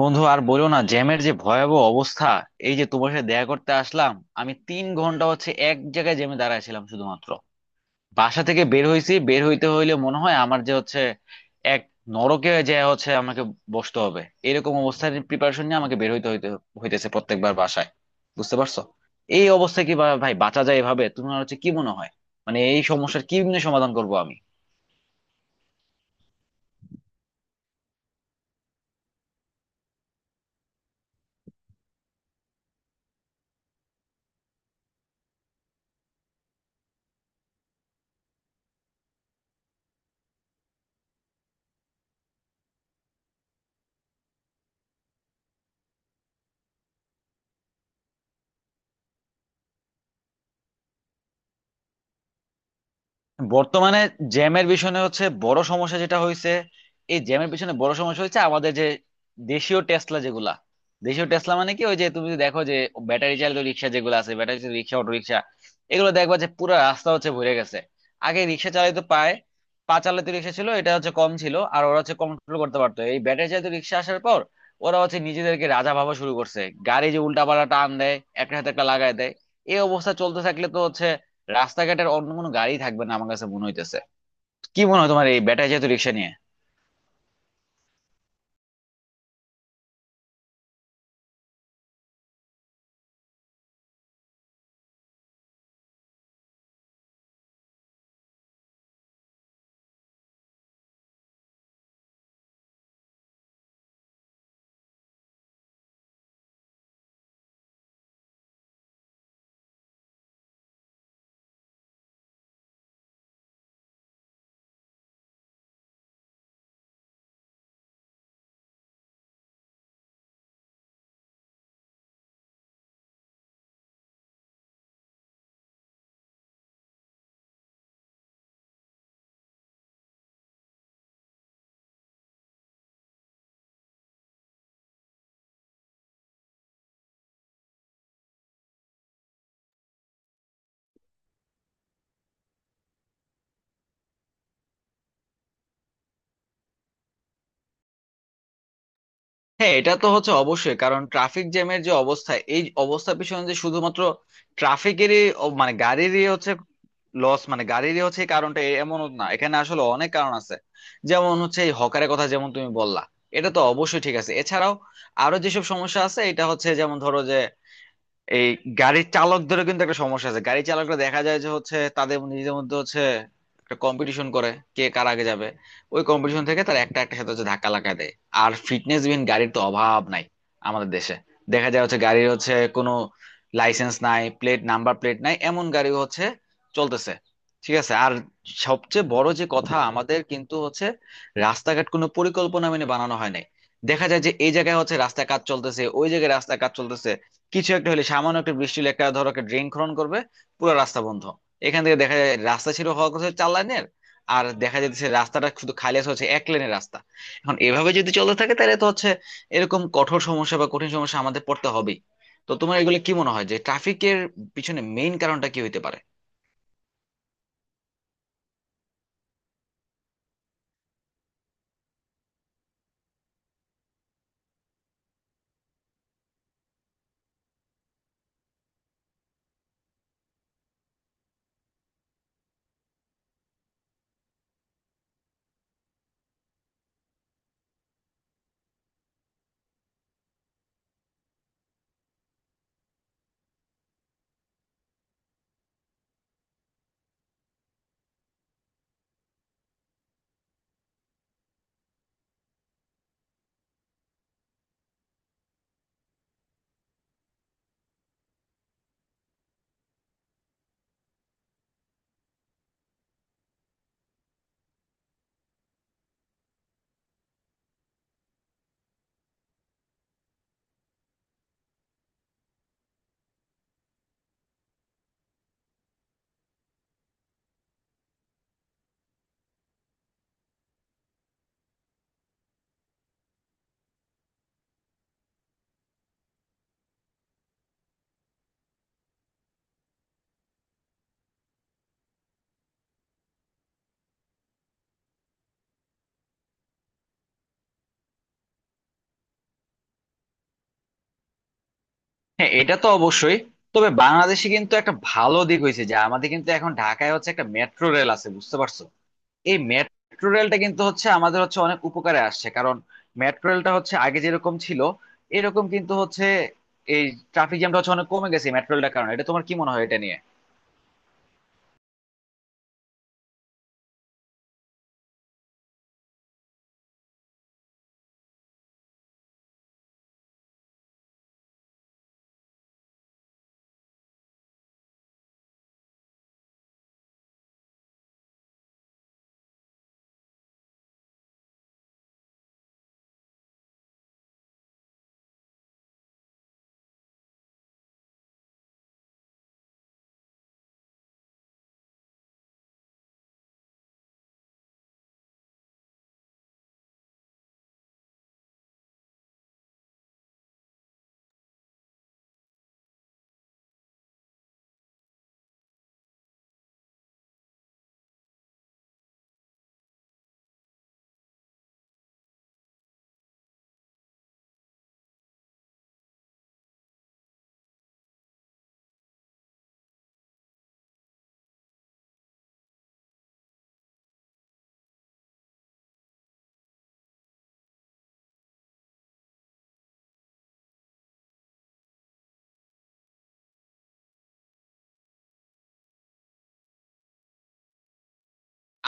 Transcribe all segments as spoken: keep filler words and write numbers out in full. বন্ধু, আর বলো না, জ্যামের যে ভয়াবহ অবস্থা। এই যে তোমার সাথে দেখা করতে আসলাম, আমি তিন ঘন্টা হচ্ছে এক জায়গায় জ্যামে দাঁড়াইছিলাম শুধুমাত্র। বাসা থেকে বের হইছি, বের হইতে হইলে মনে হয় আমার যে হচ্ছে এক নরকে যে হচ্ছে আমাকে বসতে হবে। এরকম অবস্থার প্রিপারেশন নিয়ে আমাকে বের হইতে হইতে হইতেছে প্রত্যেকবার বাসায়, বুঝতে পারছো? এই অবস্থায় কি বা- ভাই বাঁচা যায় এভাবে? তোমার হচ্ছে কি মনে হয়, মানে এই সমস্যার কি নিয়ে সমাধান করবো আমি? বর্তমানে জ্যামের পিছনে হচ্ছে বড় সমস্যা যেটা হয়েছে, এই জ্যামের পিছনে বড় সমস্যা হচ্ছে আমাদের যে দেশীয় টেসলা যেগুলা, দেশীয় টেসলা মানে কি, ওই যে তুমি যদি দেখো যে ব্যাটারি চালিত রিক্সা যেগুলো আছে, ব্যাটারি চালিত রিক্সা, অটো রিক্সা, এগুলো দেখবা যে পুরো রাস্তা হচ্ছে ভরে গেছে। আগে রিক্সা চালিত পায় পা চালিত রিক্সা ছিল, এটা হচ্ছে কম ছিল আর ওরা হচ্ছে কন্ট্রোল করতে পারতো। এই ব্যাটারি চালিত রিক্সা আসার পর ওরা হচ্ছে নিজেদেরকে রাজা ভাবা শুরু করছে। গাড়ি যে উল্টা পাল্টা টান দেয়, একটা হাতে একটা লাগায় দেয়, এই অবস্থা চলতে থাকলে তো হচ্ছে রাস্তাঘাটের অন্য কোনো গাড়ি থাকবে না আমার কাছে মনে হইতেছে। কি মনে হয় তোমার এই ব্যাটারি চালিত রিক্সা নিয়ে? হ্যাঁ, এটা তো হচ্ছে অবশ্যই, কারণ ট্রাফিক জ্যামের যে অবস্থা, এই অবস্থার পিছনে যে শুধুমাত্র ট্রাফিকেরই অ- মানে গাড়িরই হচ্ছে লস, মানে গাড়িরই হচ্ছে, এই কারণটা এ- এমনও না, এখানে আসলে অনেক কারণ আছে। যেমন হচ্ছে এই হকারের কথা যেমন তুমি বললা, এটা তো অবশ্যই ঠিক আছে। এছাড়াও আরো যেসব সমস্যা আছে, এটা হচ্ছে যেমন ধরো যে এই গাড়ির চালকদেরও কিন্তু একটা সমস্যা আছে। গাড়ি চালকরা দেখা যায় যে হচ্ছে তাদের নিজেদের মধ্যে হচ্ছে একটা কম্পিটিশন করে, কে কার আগে যাবে। ওই কম্পিটিশন থেকে তারা একটা একটা সাথে হচ্ছে ধাক্কা লাগা দেয়। আর ফিটনেস বিহীন গাড়ির তো অভাব নাই আমাদের দেশে। দেখা যায় হচ্ছে গাড়ির হচ্ছে কোনো লাইসেন্স নাই, প্লেট নাম্বার প্লেট নাই, এমন গাড়ি হচ্ছে চলতেছে। ঠিক আছে, আর সবচেয়ে বড় যে কথা, আমাদের কিন্তু হচ্ছে রাস্তাঘাট কোনো পরিকল্পনা মেনে বানানো হয় নাই। দেখা যায় যে এই জায়গায় হচ্ছে রাস্তা কাজ চলতেছে, ওই জায়গায় রাস্তা কাজ চলতেছে, কিছু একটা হলে, সামান্য একটা বৃষ্টি হলে, একটা ধরো একটা ড্রেন খনন করবে, পুরো রাস্তা বন্ধ। এখান থেকে দেখা যায় রাস্তা ছিল হওয়ার কথা চার লাইনের, আর দেখা যাচ্ছে রাস্তাটা শুধু খালি আছে হচ্ছে এক লেনের রাস্তা। এখন এভাবে যদি চলতে থাকে তাহলে তো হচ্ছে এরকম কঠোর সমস্যা বা কঠিন সমস্যা আমাদের পড়তে হবেই। তো তোমার এগুলো কি মনে হয় যে ট্রাফিকের পিছনে মেইন কারণটা কি হইতে পারে? হ্যাঁ, এটা তো অবশ্যই। তবে বাংলাদেশে কিন্তু একটা ভালো দিক হয়েছে যে আমাদের কিন্তু এখন ঢাকায় হচ্ছে একটা মেট্রো রেল আছে, বুঝতে পারছো? এই মেট্রো রেলটা কিন্তু হচ্ছে আমাদের হচ্ছে অনেক উপকারে আসছে, কারণ মেট্রো রেলটা হচ্ছে আগে যেরকম ছিল এরকম কিন্তু হচ্ছে এই ট্রাফিক জ্যামটা হচ্ছে অনেক কমে গেছে মেট্রো রেলটার কারণে। এটা তোমার কি মনে হয় এটা নিয়ে?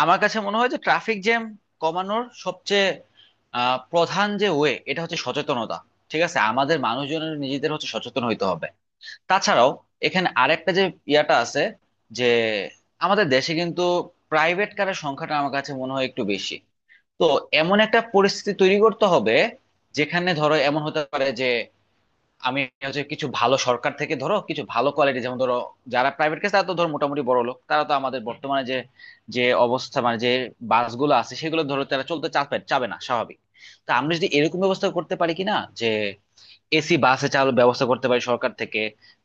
আমার কাছে মনে হয় যে ট্রাফিক জ্যাম কমানোর সবচেয়ে আহ, প্রধান যে ওয়ে, এটা হচ্ছে সচেতনতা। ঠিক আছে, আমাদের মানুষজনের নিজেদের হচ্ছে সচেতন হইতে হবে। তাছাড়াও এখানে আরেকটা যে ইয়াটা আছে যে আমাদের দেশে কিন্তু প্রাইভেট কারের সংখ্যাটা আমার কাছে মনে হয় একটু বেশি। তো এমন একটা পরিস্থিতি তৈরি করতে হবে যেখানে ধরো এমন হতে পারে যে আমি হচ্ছে কিছু ভালো, সরকার থেকে ধরো কিছু ভালো কোয়ালিটি, যেমন ধরো যারা প্রাইভেট কেস তারা তো ধরো মোটামুটি বড় লোক, তারা তো আমাদের বর্তমানে যে যে অবস্থা, মানে যে বাসগুলো আছে সেগুলো ধরো তারা চলতে চাপে চাবে না স্বাভাবিক। তো আমরা যদি এরকম ব্যবস্থা করতে পারি কিনা যে এসি বাসে চালু ব্যবস্থা করতে পারি সরকার থেকে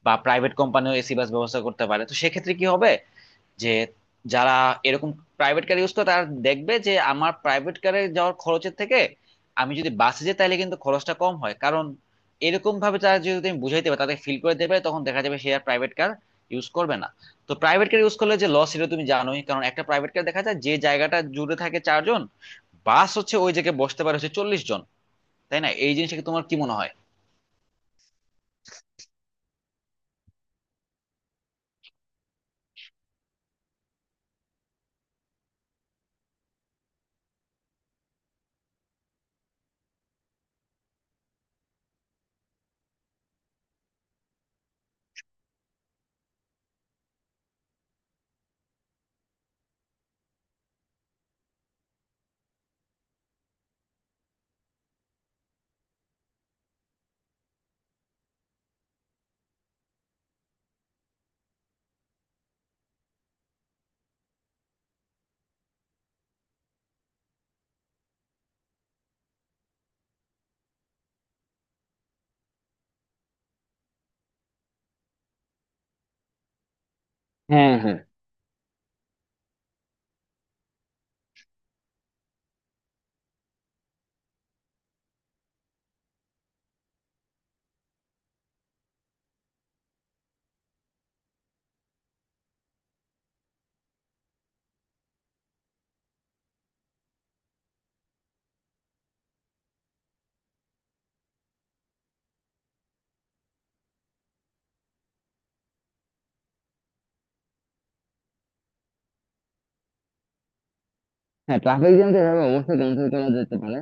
বা প্রাইভেট কোম্পানিও এসি বাস ব্যবস্থা করতে পারে, তো সেক্ষেত্রে কি হবে যে যারা এরকম প্রাইভেট কার ইউজ করে তারা দেখবে যে আমার প্রাইভেট কারে যাওয়ার খরচের থেকে আমি যদি বাসে যাই তাহলে কিন্তু খরচটা কম হয়। কারণ এরকম ভাবে তারা যদি, তুমি বুঝাইতে পারো, তাদের ফিল করে দেবে, তখন দেখা যাবে সে আর প্রাইভেট কার ইউজ করবে না। তো প্রাইভেট কার ইউজ করলে যে লস সেটা তুমি জানোই, কারণ একটা প্রাইভেট কার দেখা যায় যে জায়গাটা জুড়ে থাকে চারজন, বাস হচ্ছে ওই জায়গায় বসতে পারে হচ্ছে চল্লিশ জন, তাই না? এই জিনিসটাকে তোমার কি মনে হয়? হ্যাঁ, হ্যাঁ, হ্যাঁ, ট্রাফিক জ্যাম তো এভাবে অবশ্যই কন্ট্রোল করা যেতে পারে।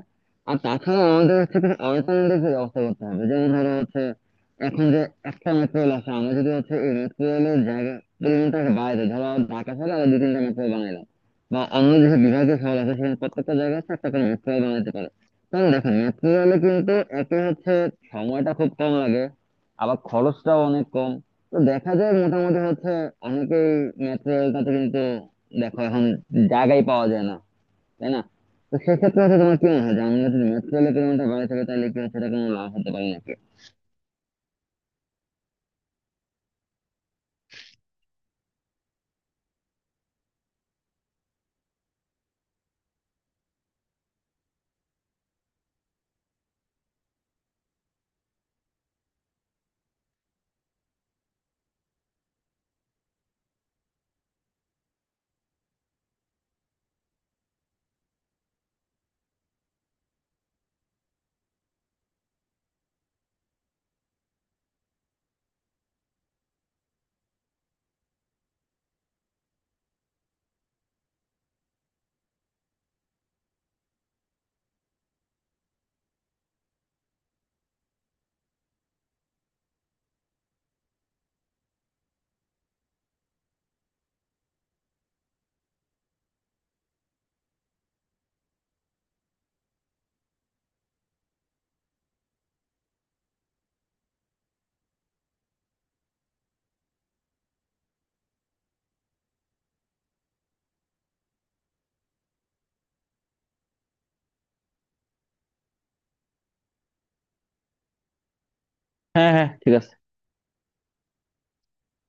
আর তাছাড়া আমাদের হচ্ছে কিছু অল্টারনেটিভ ব্যবস্থা করতে হবে, যেমন ধরো হচ্ছে এখন যে একটা মেট্রো রেল আছে, আমরা যদি হচ্ছে এই মেট্রো রেলের জায়গা পরিমাণটাকে বাড়াই দিই, ধরো ঢাকা শহরে আমরা দু তিনটা মেট্রো বানাইলাম, বা অন্য যেসব বিভাগীয় শহর আছে সেখানে প্রত্যেকটা জায়গায় হচ্ছে একটা করে মেট্রো রেল বানাতে পারে। কারণ দেখো মেট্রো রেলে কিন্তু একে হচ্ছে সময়টা খুব কম লাগে, আবার খরচটাও অনেক কম। তো দেখা যায় মোটামুটি হচ্ছে অনেকেই মেট্রো রেলটাতে কিন্তু, দেখো এখন জায়গাই পাওয়া যায় না, তাই না? তো সেক্ষেত্রে হচ্ছে তোমার কি মনে হয় যে আমরা যদি মেট্রো রেলে কিলোমিটার বাড়াতে চাই তাহলে কি সেটা কোনো লাভ হতে পারে নাকি? হ্যাঁ, হ্যাঁ, ঠিক আছে।